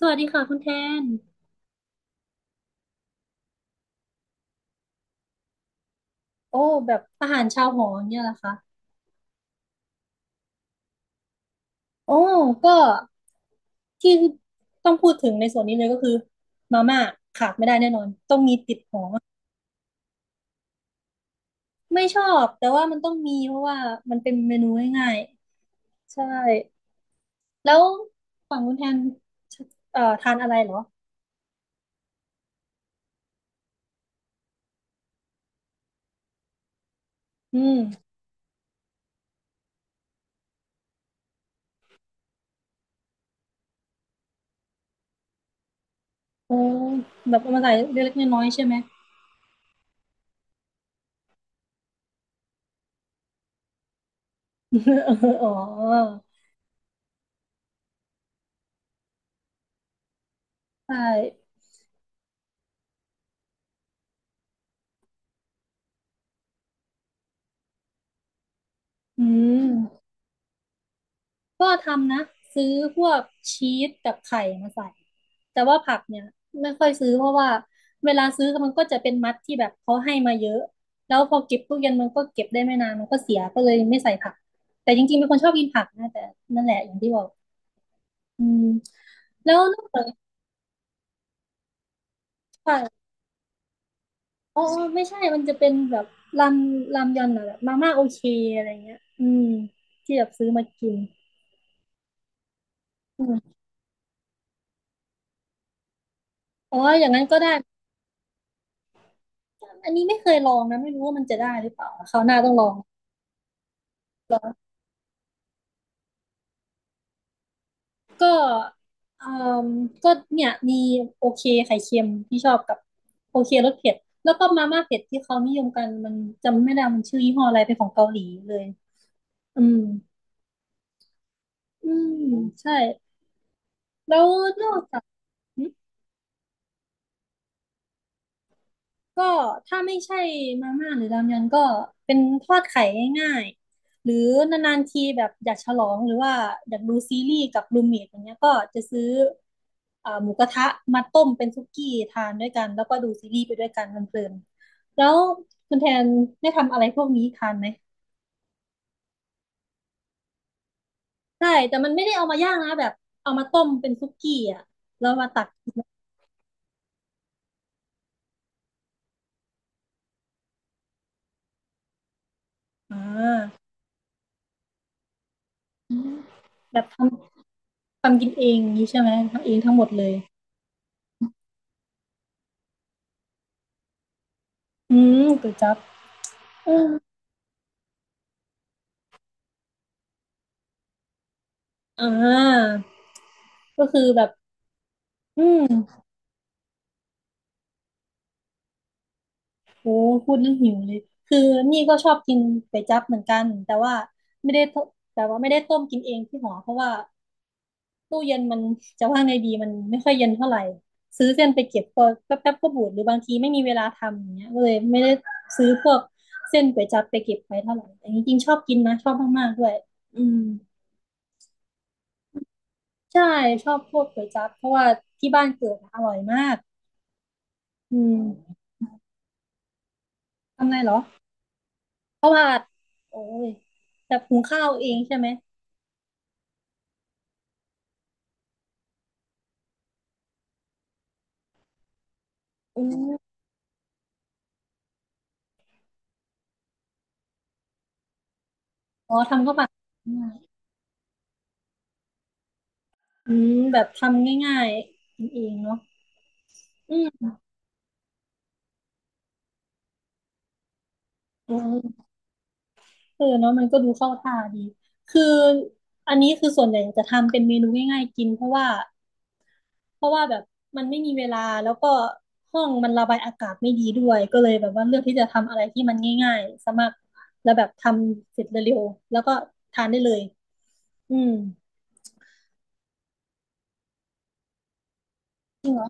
สวัสดีค่ะคุณแทนโอ้แบบอาหารชาวหออย่างเนี่ยแหละค่ะโอ้ก็ที่ต้องพูดถึงในส่วนนี้เลยก็คือมาม่าขาดไม่ได้แน่นอนต้องมีติดหอไม่ชอบแต่ว่ามันต้องมีเพราะว่ามันเป็นเมนูง่ายๆใช่แล้วฝั่งคุณแทนทานอะไรเหรออืมโอ้แบบเอามาใส่เล็กๆน้อยๆใช่ไหม อ๋อใช่อืม ก็ทำนะซื้อพวกชีสกับไข่มาใส่แต่ว่าผักเนี่ยไม่ค่อยซื้อเพราะว่าเวลาซื้อมันก็จะเป็นมัดที่แบบเขาให้มาเยอะแล้วพอเก็บตู้เย็นมันก็เก็บได้ไม่นานมันก็เสียก็เลยไม่ใส่ผักแต่จริงๆเป็นคนชอบกินผักนะแต่นั่นแหละอย่างที่บอกอืมแล้วนอกจากผักอ๋ออ๋อไม่ใช่มันจะเป็นแบบรามรามยอนอะแบบมาม่าโอเคอะไรเงี้ยอืมที่แบบซื้อมากินอืมอ๋ออย่างนั้นก็ได้ อันนี้ไม่เคยลองนะไม่รู้ว่ามันจะได้หรือเปล่าคราวหน้าต้องลองก็เอ่มก็เนี่ยมีโอเคไข่เค็มที่ชอบกับโอเครสเผ็ดแล้วก็มาม่าเผ็ดที่เขานิยมกันมันจำไม่ได้มันชื่อยี่ห้ออะไรเป็นของเกาหลีเลยอืมอืมใช่แล้วนอกจาก ก็ถ้าไม่ใช่มาม่าหรือรามยอนก็เป็นทอดไข่ง่ายๆหรือนานๆทีแบบอยากฉลองหรือว่าอยากดูซีรีส์กับรูมเมทอย่างเงี้ยก็จะซื้อหมูกระทะมาต้มเป็นซุกี้ทานด้วยกันแล้วก็ดูซีรีส์ไปด้วยกันเพลินๆแล้วคุณแทนได้ทำอะไรพวกนี้ทานไหมใช่แต่มันไม่ได้เอามาย่างนะแบบเอามาต้มเป็นซุกี้อ่ะแล้วมาตักกินอ่าอืมแบบทำกินเองนี้ใช่ไหมทำเองทั้งหมดเลยอืมก๋วยจั๊บอืม อ่าก็คือแบบอืมโหพูดแล้วหิวเลยคือนี่ก็ชอบกินก๋วยจั๊บเหมือนกันแต่ว่าไม่ได้ต้มแต่ว่าไม่ได้ต้มกินเองที่หอเพราะว่าตู้เย็นมันจะว่าไงดีมันไม่ค่อยเย็นเท่าไหร่ซื้อเส้นไปเก็บก็แป๊บๆก็บูดหรือบางทีไม่มีเวลาทำอย่างเงี้ยก็เลยไม่ได้ซื้อพวกเส้นก๋วยจั๊บไปเก็บไว้เท่าไหร่แต่จริงๆชอบกินนะชอบมากๆด้วยอืมใช่ชอบพวกก๋วยจั๊บเพราะว่าที่บ้านเกิดอะอร่อยมากอืมทำไงเหรอ ข้าวผัดโอ้ยแบบหุงข้าวเองใช่ไหมอืมอ๋อทำข้าวผัดอืมอืมแบบทำง่ายๆกินเองเนาะอืมอืมเออเนาะมันก็ดูเข้าท่าดีคืออันนี้คือส่วนใหญ่จะทำเป็นเมนูง่ายๆกินเพราะว่าแบบมันไม่มีเวลาแล้วก็ห้องมันระบายอากาศไม่ดีด้วยก็เลยแบบว่าเลือกที่จะทำอะไรที่มันง่ายๆสามารถแล้วแบบทำเสร็จเร็วๆแล้วก็ทานได้เลยอืมจริงเหรอ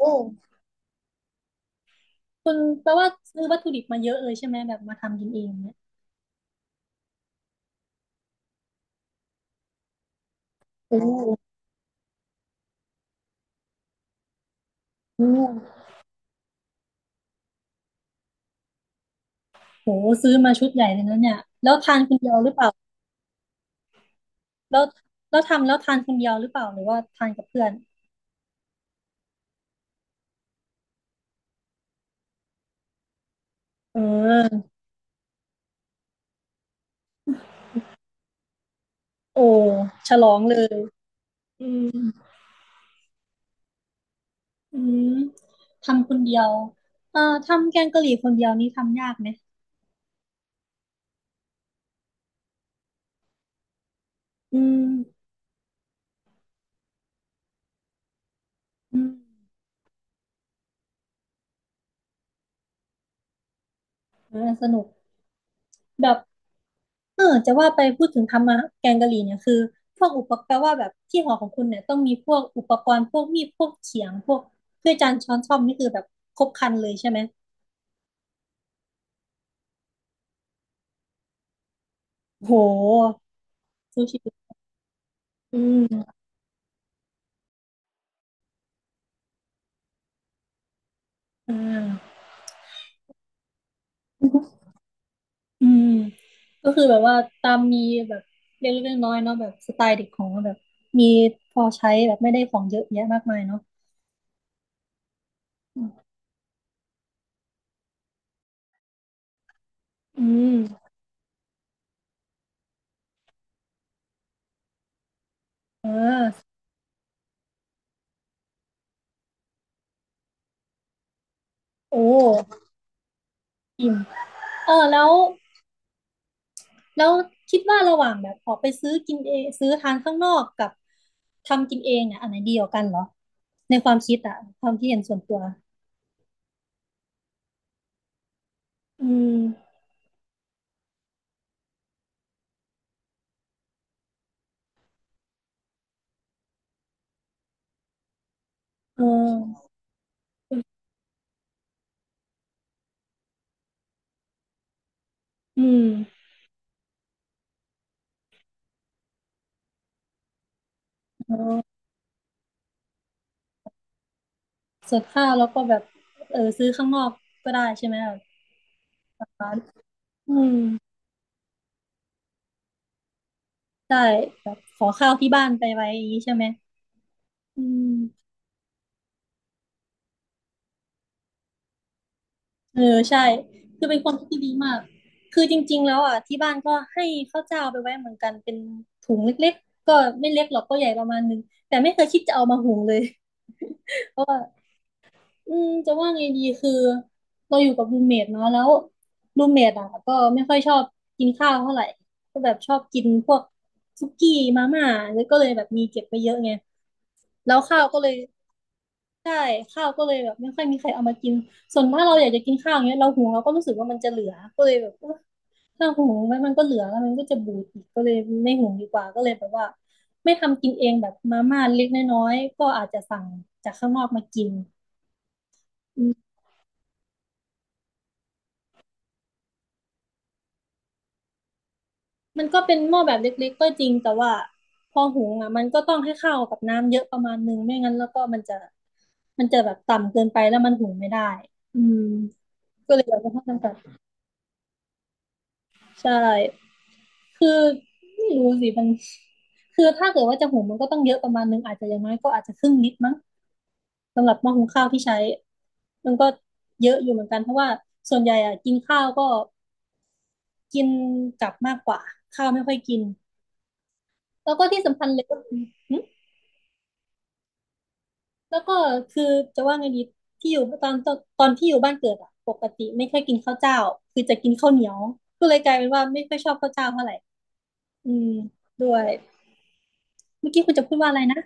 โอ้ คุณแปลว่าซื้อวัตถุดิบมาเยอะเลยใช่ไหมแบบมาทำกินเองเนี่ยโอ้โหโหซื้อมาชุดใหญ่เลยนะเนี่ยแล้วทานคนเดียวหรือเปล่าแล้วแล้วทานคนเดียวหรือเปล่าหรือว่าทานกับเพื่อนเออโอ้ฉลองเลยอืมอืมทำคนเดียวเอ่อทำแกงกะหรี่คนเดียวนี่ทำยากไหมอืมอืมเออสนุกแบบ เออจะว่าไปพูดถึงทำมาแกงกะหรี่เนี่ยคือพวกอุปกรณ์แปลว่าแบบที่หอของคุณเนี่ยต้องมีพวกอุปกรณ์พวกมีดพวกเขียงพวกเ้ืยอจานช้อนส้อมนี่คือแบบครบครันเลยใช่ไหมโหซูชิอืมอ่าอืมก็คือแบบว่าตามมีแบบเล็กๆน้อยๆเนาะแบบสไตล์เด็กของเราแบบมีพอใช้แบบไม่ได้ของเยอะแยะมากมายเนาะอืมเอ่โอ้อิ่มเออแล้ว แล้วคิดว่าระหว่างแบบออกไปซื้อกินเองซื้อทานข้างนอกกับทำกินเองเนี่ยอันไหนดีกว่ากันเหรอในความคิดอะความคิดเห็นส่วนตัวอืมเอออืมเออส่วนข้าวแล้วก็แบบเออซื้อข้างนอกก็ได้ใช่ไหมแบบร้านอืมได้แบบขอข้าวที่บ้านไปไว้อย่างนี้ใช่ไหมอืม เออใช่คือเป็นความคิดที่ดีมากคือจริงๆแล้วอ่ะที่บ้านก็ให้ข้าวเจ้าไปไว้เหมือนกันเป็นถุงเล็กๆก็ไม่เล็กหรอกก็ใหญ่ประมาณนึงแต่ไม่เคยคิดจะเอามาหุงเลย เพราะว่าจะว่าไงดีคือเราอยู่กับรูมเมทเนาะแล้วรูมเมทอ่ะก็ไม่ค่อยชอบกินข้าวเท่าไหร่ก็แบบชอบกินพวกสุกี้มาม่าแล้วก็เลยแบบมีเก็บไปเยอะไงแล้วข้าวก็เลย ใช่ข้าวก็เลยแบบไม่ค่อยมีใครเอามากินส่วนถ้าเราอยากจะกินข้าวอย่างเงี้ยเราหุงเราก็รู้สึกว่ามันจะเหลือก็เลยแบบเออถ้าหุงมันก็เหลือแล้วมันก็จะบูดอีกก็เลยไม่หุงดีกว่าก็เลยแบบว่าไม่ทำกินเองแบบมาม่าเล็กน้อยๆก็อาจจะสั่งจากข้างนอกมากินอืมมันก็เป็นหม้อแบบเล็กๆก็จริงแต่ว่าพอหุงอ่ะมันก็ต้องให้ข้าวกับน้ำเยอะประมาณนึงไม่งั้นแล้วก็มันจะแบบต่ำเกินไปแล้วมันหุงไม่ได้อืมก็เลยแบบต้องจำกัดใช่ คือไม่รู้สิคือถ้าเกิดว่าจะหุงมันก็ต้องเยอะประมาณนึงอาจจะอย่างน้อยก็อาจจะครึ่งลิตรมั้งสำหรับหม้อหุงข้าวที่ใช้มันก็เยอะอยู่เหมือนกันเพราะว่าส่วนใหญ่อะกินข้าวก็กินกลับมากกว่าข้าวไม่ค่อยกินแล้วก็ที่สำคัญเลยก็คือหึแล้วก็คือจะว่าไงดีที่อยู่ตอนที่อยู่บ้านเกิดอะปกติไม่ค่อยกินข้าวเจ้าคือจะกินข้าวเหนียวก็เลยกลายเป็นว่าไม่ค่อยชอบข้าวเจ้าเท่าไหร่อืมด้วยเมื่อกี้คุณจะพูดว่าอะไรนะ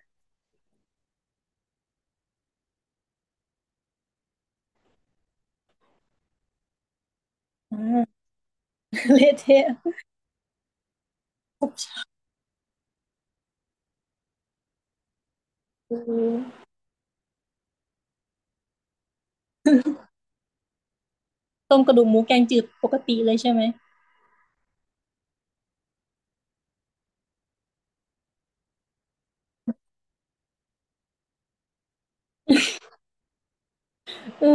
อ่า เละเทะ ต้มกระดูกหมูแกงจืดปกติเลยใช่ไหมเออ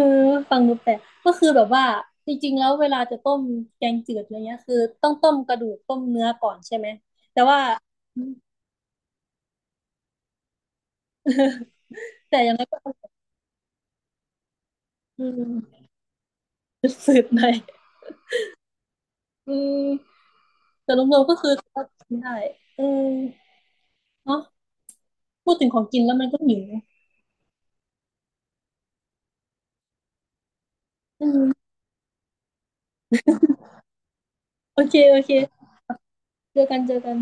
ฟังดูแปลกก็คือแบบว่าจริงๆแล้วเวลาจะต้มแกงจืดอะไรเงี้ยคือต้องต้มกระดูกต้มเนื้อก่อนใช่ไหมแต่ว่าแต่อย่างไรก็อืมสืดๆหน่ อยอืมแต่รวมๆก็คือก็กินได้เออเนาะพูดถึงของกินแล้วมันก็หิวอืมโอเคโอเคเจอกันเจอกัน